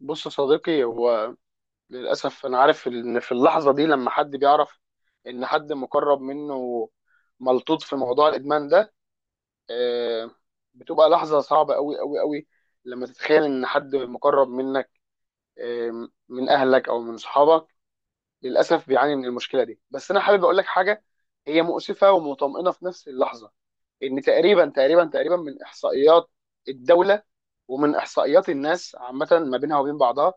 بص يا صديقي، هو للأسف أنا عارف إن في اللحظة دي لما حد بيعرف إن حد مقرب منه ملطوط في موضوع الإدمان ده، آه، بتبقى لحظة صعبة أوي أوي أوي لما تتخيل إن حد مقرب منك، من أهلك أو من صحابك للأسف بيعاني من المشكلة دي. بس أنا حابب أقول لك حاجة هي مؤسفة ومطمئنة في نفس اللحظة. إن تقريبا من إحصائيات الدولة ومن إحصائيات الناس عامة ما بينها وبين بعضها،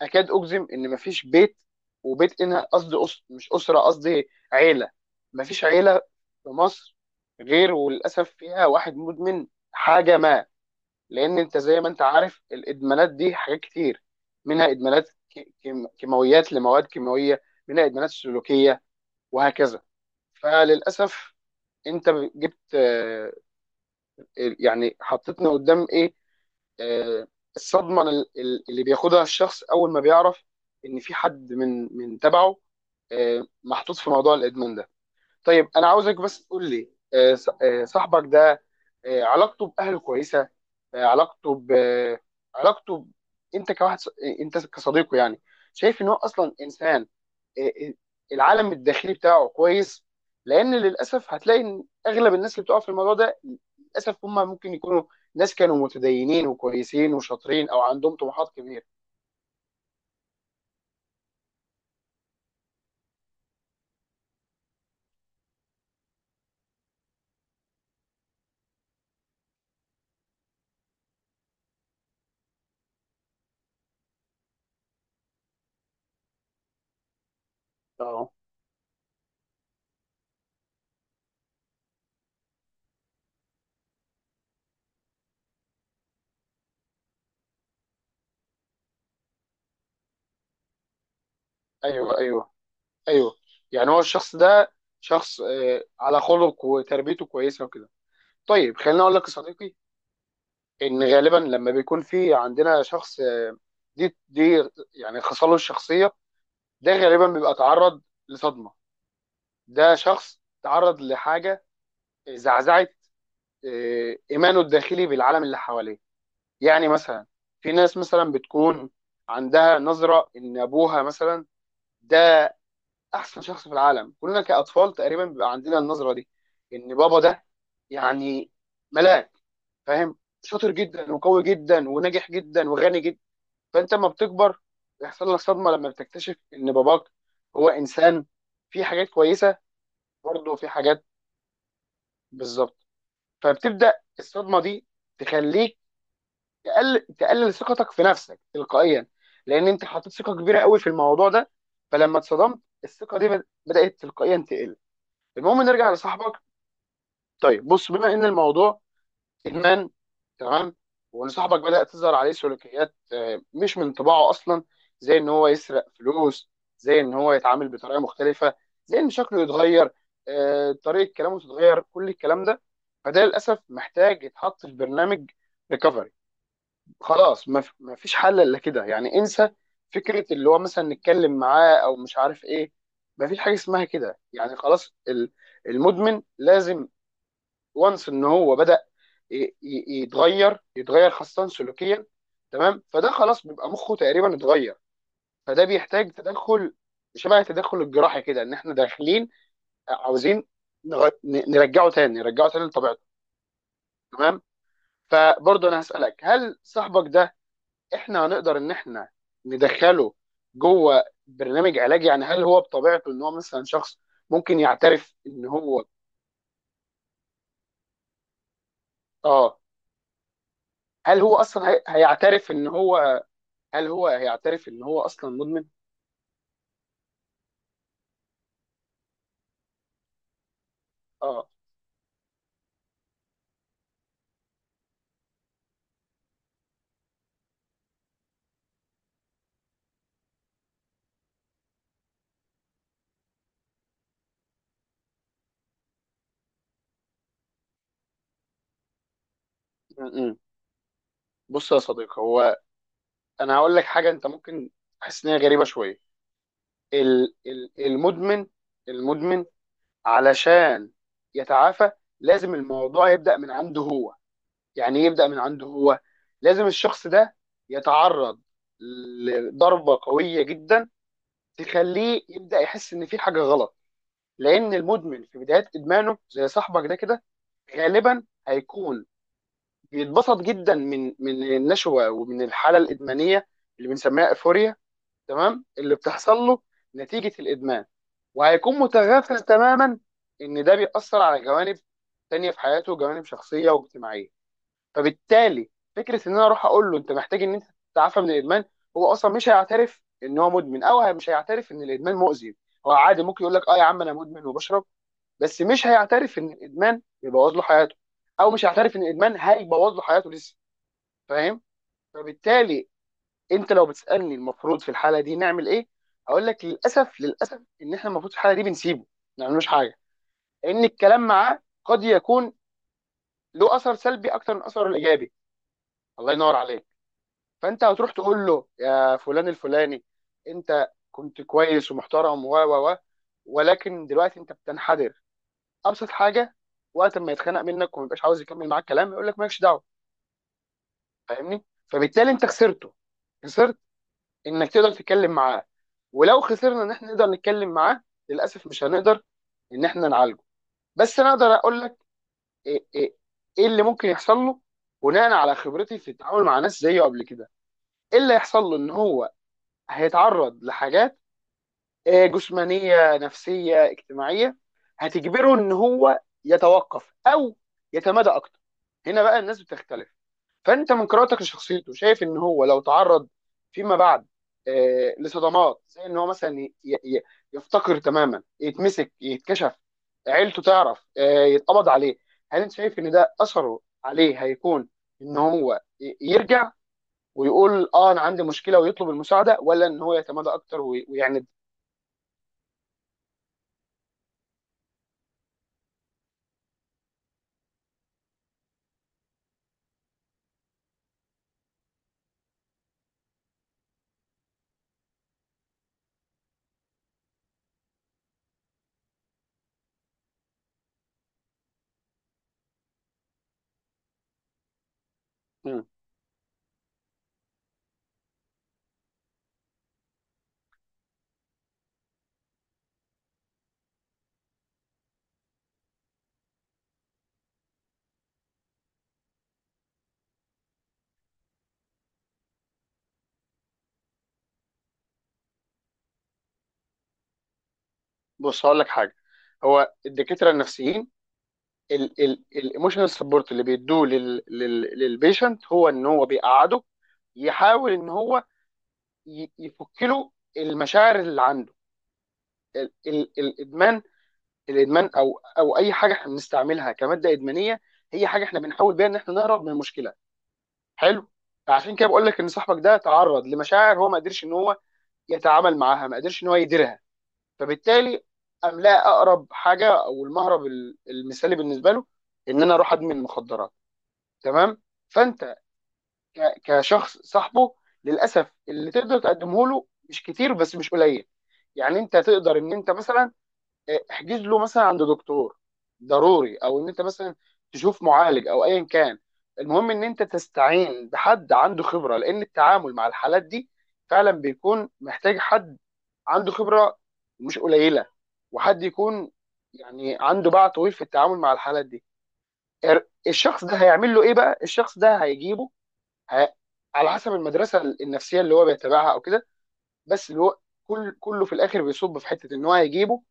اكاد اجزم ان مفيش بيت وبيت. هنا قصدي مش اسره، قصدي عيله. مفيش عيله في مصر غير وللاسف فيها واحد مدمن حاجه ما. لان انت زي ما انت عارف الادمانات دي حاجات كتير. منها ادمانات كيماويات لمواد كيماويه، منها ادمانات سلوكيه وهكذا. فللاسف انت جبت، يعني حطيتنا قدام ايه. آه، الصدمه اللي بياخدها الشخص اول ما بيعرف ان في حد من تبعه محطوط في موضوع الادمان ده. طيب انا عاوزك بس تقول لي، صاحبك ده، علاقته باهله كويسه؟ آه، علاقته ب علاقته ب... انت انت كصديقه يعني شايف ان هو اصلا انسان، آه، آه، العالم الداخلي بتاعه كويس؟ لان للاسف هتلاقي ان اغلب الناس اللي بتقع في الموضوع ده للاسف هم ممكن يكونوا ناس كانوا متدينين وكويسين وشاطرين او عندهم طموحات كبيره. اه، ايوه، ايوه، ايوه. يعني هو الشخص ده شخص على خلق وتربيته كويسه وكده. طيب خليني اقول لك يا صديقي، ان غالبا لما بيكون في عندنا شخص دي يعني خصاله الشخصيه، ده غالبا بيبقى تعرض لصدمه. ده شخص تعرض لحاجه زعزعت ايمانه الداخلي بالعالم اللي حواليه. يعني مثلا في ناس مثلا بتكون عندها نظره ان ابوها مثلا ده احسن شخص في العالم. كلنا كاطفال تقريبا بيبقى عندنا النظره دي، ان بابا ده يعني ملاك، فاهم، شاطر جدا وقوي جدا وناجح جدا وغني جدا. فانت لما بتكبر بيحصل لك صدمه لما بتكتشف ان باباك هو انسان فيه حاجات كويسه برضه وفيه حاجات. بالظبط. فبتبدا الصدمه دي تخليك تقلل ثقتك في نفسك تلقائيا، لان انت حطيت ثقه كبيره قوي في الموضوع ده، فلما اتصدمت الثقه دي بدات تلقائيا تقل. المهم نرجع لصاحبك. طيب بص، بما ان الموضوع ادمان، تمام، وان صاحبك بدأ تظهر عليه سلوكيات مش من طباعه اصلا، زي ان هو يسرق فلوس، زي ان هو يتعامل بطريقه مختلفه، زي ان شكله يتغير، طريقه كلامه تتغير، كل الكلام ده، فده للاسف محتاج يتحط في برنامج ريكفري. خلاص، ما فيش حل الا كده، يعني انسى فكره اللي هو مثلا نتكلم معاه او مش عارف ايه. ما فيش حاجه اسمها كده يعني خلاص. المدمن لازم. وانس ان هو بدأ يتغير خاصه سلوكيا. تمام. فده خلاص بيبقى مخه تقريبا اتغير، فده بيحتاج تدخل شبه التدخل الجراحي كده، ان احنا داخلين عاوزين نرجعه تاني نرجعه تاني لطبيعته. تمام. فبرضه انا هسألك، هل صاحبك ده احنا هنقدر ان احنا ندخله جوه برنامج علاجي؟ يعني هل هو بطبيعته ان هو مثلا شخص ممكن يعترف ان هو... اه. هل هو اصلا هيعترف ان هو، هل هو هيعترف ان هو اصلا مدمن؟ اه. م-م. بص يا صديقي، هو انا هقول لك حاجه انت ممكن تحس ان هي غريبه شويه. ال ال المدمن المدمن علشان يتعافى لازم الموضوع يبدا من عنده هو. يعني إيه يبدا من عنده هو؟ لازم الشخص ده يتعرض لضربه قويه جدا تخليه يبدا يحس ان في حاجه غلط. لان المدمن في بدايه ادمانه زي صاحبك ده كده، غالبا هيكون بيتبسط جدا من النشوه ومن الحاله الادمانيه اللي بنسميها ايفوريا، تمام، اللي بتحصل له نتيجه الادمان. وهيكون متغافل تماما ان ده بيأثر على جوانب تانية في حياته، جوانب شخصيه واجتماعيه. فبالتالي فكره ان انا اروح اقول له انت محتاج ان انت تتعافى من الادمان، هو اصلا مش هيعترف ان هو مدمن، او مش هيعترف ان الادمان مؤذي. هو عادي ممكن يقول لك اه يا عم انا مدمن وبشرب، بس مش هيعترف ان الادمان بيبوظ له حياته، او مش هيعترف ان الادمان هيبوظ له حياته لسه. فاهم؟ فبالتالي انت لو بتسالني المفروض في الحاله دي نعمل ايه، هقول لك للاسف للاسف ان احنا المفروض في الحاله دي بنسيبه، ما نعملوش حاجه. لان الكلام معاه قد يكون له اثر سلبي اكتر من اثره الايجابي. الله ينور عليك. فانت هتروح تقول له يا فلان الفلاني، انت كنت كويس ومحترم و و و ولكن دلوقتي انت بتنحدر. ابسط حاجه، وقت ما يتخانق منك وما يبقاش عاوز يكمل معاك كلام يقول لك مالكش دعوه. فاهمني؟ فبالتالي انت خسرته، خسرت انك تقدر تتكلم معاه، ولو خسرنا ان احنا نقدر نتكلم معاه، للاسف مش هنقدر ان احنا نعالجه. بس انا اقدر اقول لك ايه إيه- إيه اللي ممكن يحصل له بناء على خبرتي في التعامل مع ناس زيه قبل كده. ايه اللي هيحصل له؟ ان هو هيتعرض لحاجات جسمانيه نفسيه اجتماعيه هتجبره ان هو يتوقف او يتمادى اكتر. هنا بقى الناس بتختلف. فانت من قراءتك لشخصيته شايف ان هو لو تعرض فيما بعد لصدمات، زي ان هو مثلا يفتقر تماما، يتمسك، يتكشف، عيلته تعرف، يتقبض عليه، هل انت شايف ان ده اثره عليه هيكون ان هو يرجع ويقول اه انا عندي مشكله ويطلب المساعده، ولا ان هو يتمادى اكتر ويعند؟ بص هقول لك حاجه. هو الدكاتره النفسيين الايموشنال سبورت اللي بيدوه للبيشنت هو ان هو بيقعده يحاول ان هو يفك له المشاعر اللي عنده. ال- ال- الادمان الادمان او اي حاجه احنا بنستعملها كماده ادمانيه، هي حاجه احنا بنحاول بيها ان احنا نهرب من المشكله. حلو. عشان كده بقول لك ان صاحبك ده تعرض لمشاعر هو ما قدرش ان هو يتعامل معاها، ما قدرش ان هو يديرها. فبالتالي املاء اقرب حاجه او المهرب المثالي بالنسبه له ان انا اروح ادمن مخدرات. تمام. فانت كشخص صاحبه، للاسف اللي تقدر تقدمه له مش كتير بس مش قليل. يعني انت تقدر ان انت مثلا احجز له مثلا عند دكتور ضروري، او ان انت مثلا تشوف معالج او ايا كان. المهم ان انت تستعين بحد عنده خبره، لان التعامل مع الحالات دي فعلا بيكون محتاج حد عنده خبره مش قليله، وحد يكون يعني عنده باع طويل في التعامل مع الحالات دي. الشخص ده هيعمل له ايه بقى؟ الشخص ده هيجيبه... ه... على حسب المدرسه النفسيه اللي هو بيتبعها او كده. بس اللي هو كله في الاخر بيصب في حته ان هو هيجيبه،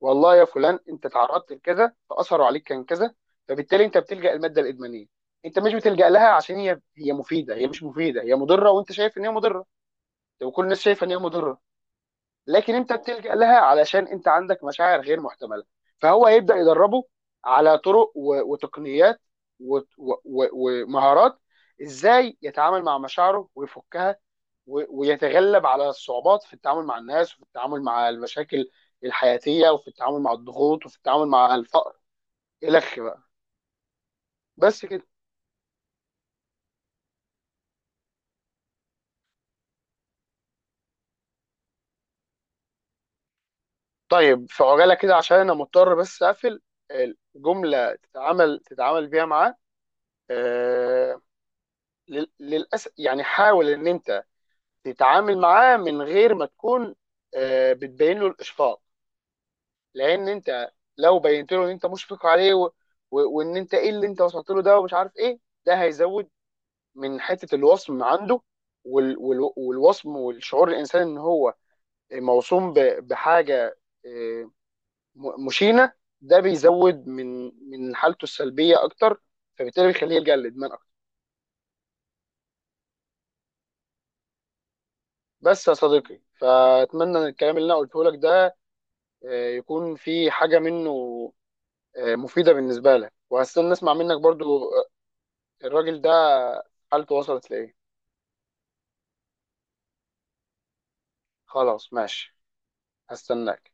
والله يا فلان انت تعرضت لكذا فاثروا عليك كان كذا، فبالتالي انت بتلجأ الماده الادمانيه. انت مش بتلجأ لها عشان هي مفيده، هي مش مفيده، هي مضره، وانت شايف ان هي مضره، وكل الناس شايفه ان هي مضره، لكن انت بتلجأ لها علشان انت عندك مشاعر غير محتمله. فهو هيبدأ يدربه على طرق وتقنيات و- و- و- ومهارات ازاي يتعامل مع مشاعره ويفكها ويتغلب على الصعوبات، في التعامل مع الناس، وفي التعامل مع المشاكل الحياتية، وفي التعامل مع الضغوط، وفي التعامل مع الفقر، إلخ بقى. بس كده. طيب في عجالة كده عشان أنا مضطر بس أقفل، الجملة تتعامل بيها معاه. آه للأسف يعني، حاول إن أنت تتعامل معاه من غير ما تكون بتبين له الإشفاق. لأن أنت لو بينت له إن أنت مشفق عليه وإن أنت إيه اللي أنت وصلت له ده ومش عارف إيه، ده هيزود من حته الوصم عنده. والوصم والشعور الانسان ان هو موصوم بحاجه آه، مشينه، ده بيزود من حالته السلبيه اكتر، فبالتالي بيخليه يلجا للادمان اكتر. بس يا صديقي، فاتمنى ان الكلام اللي انا قلته لك ده يكون في حاجه منه مفيده بالنسبه لك، وهستنى اسمع منك برضو الراجل ده حالته وصلت لايه. خلاص ماشي. هستناك.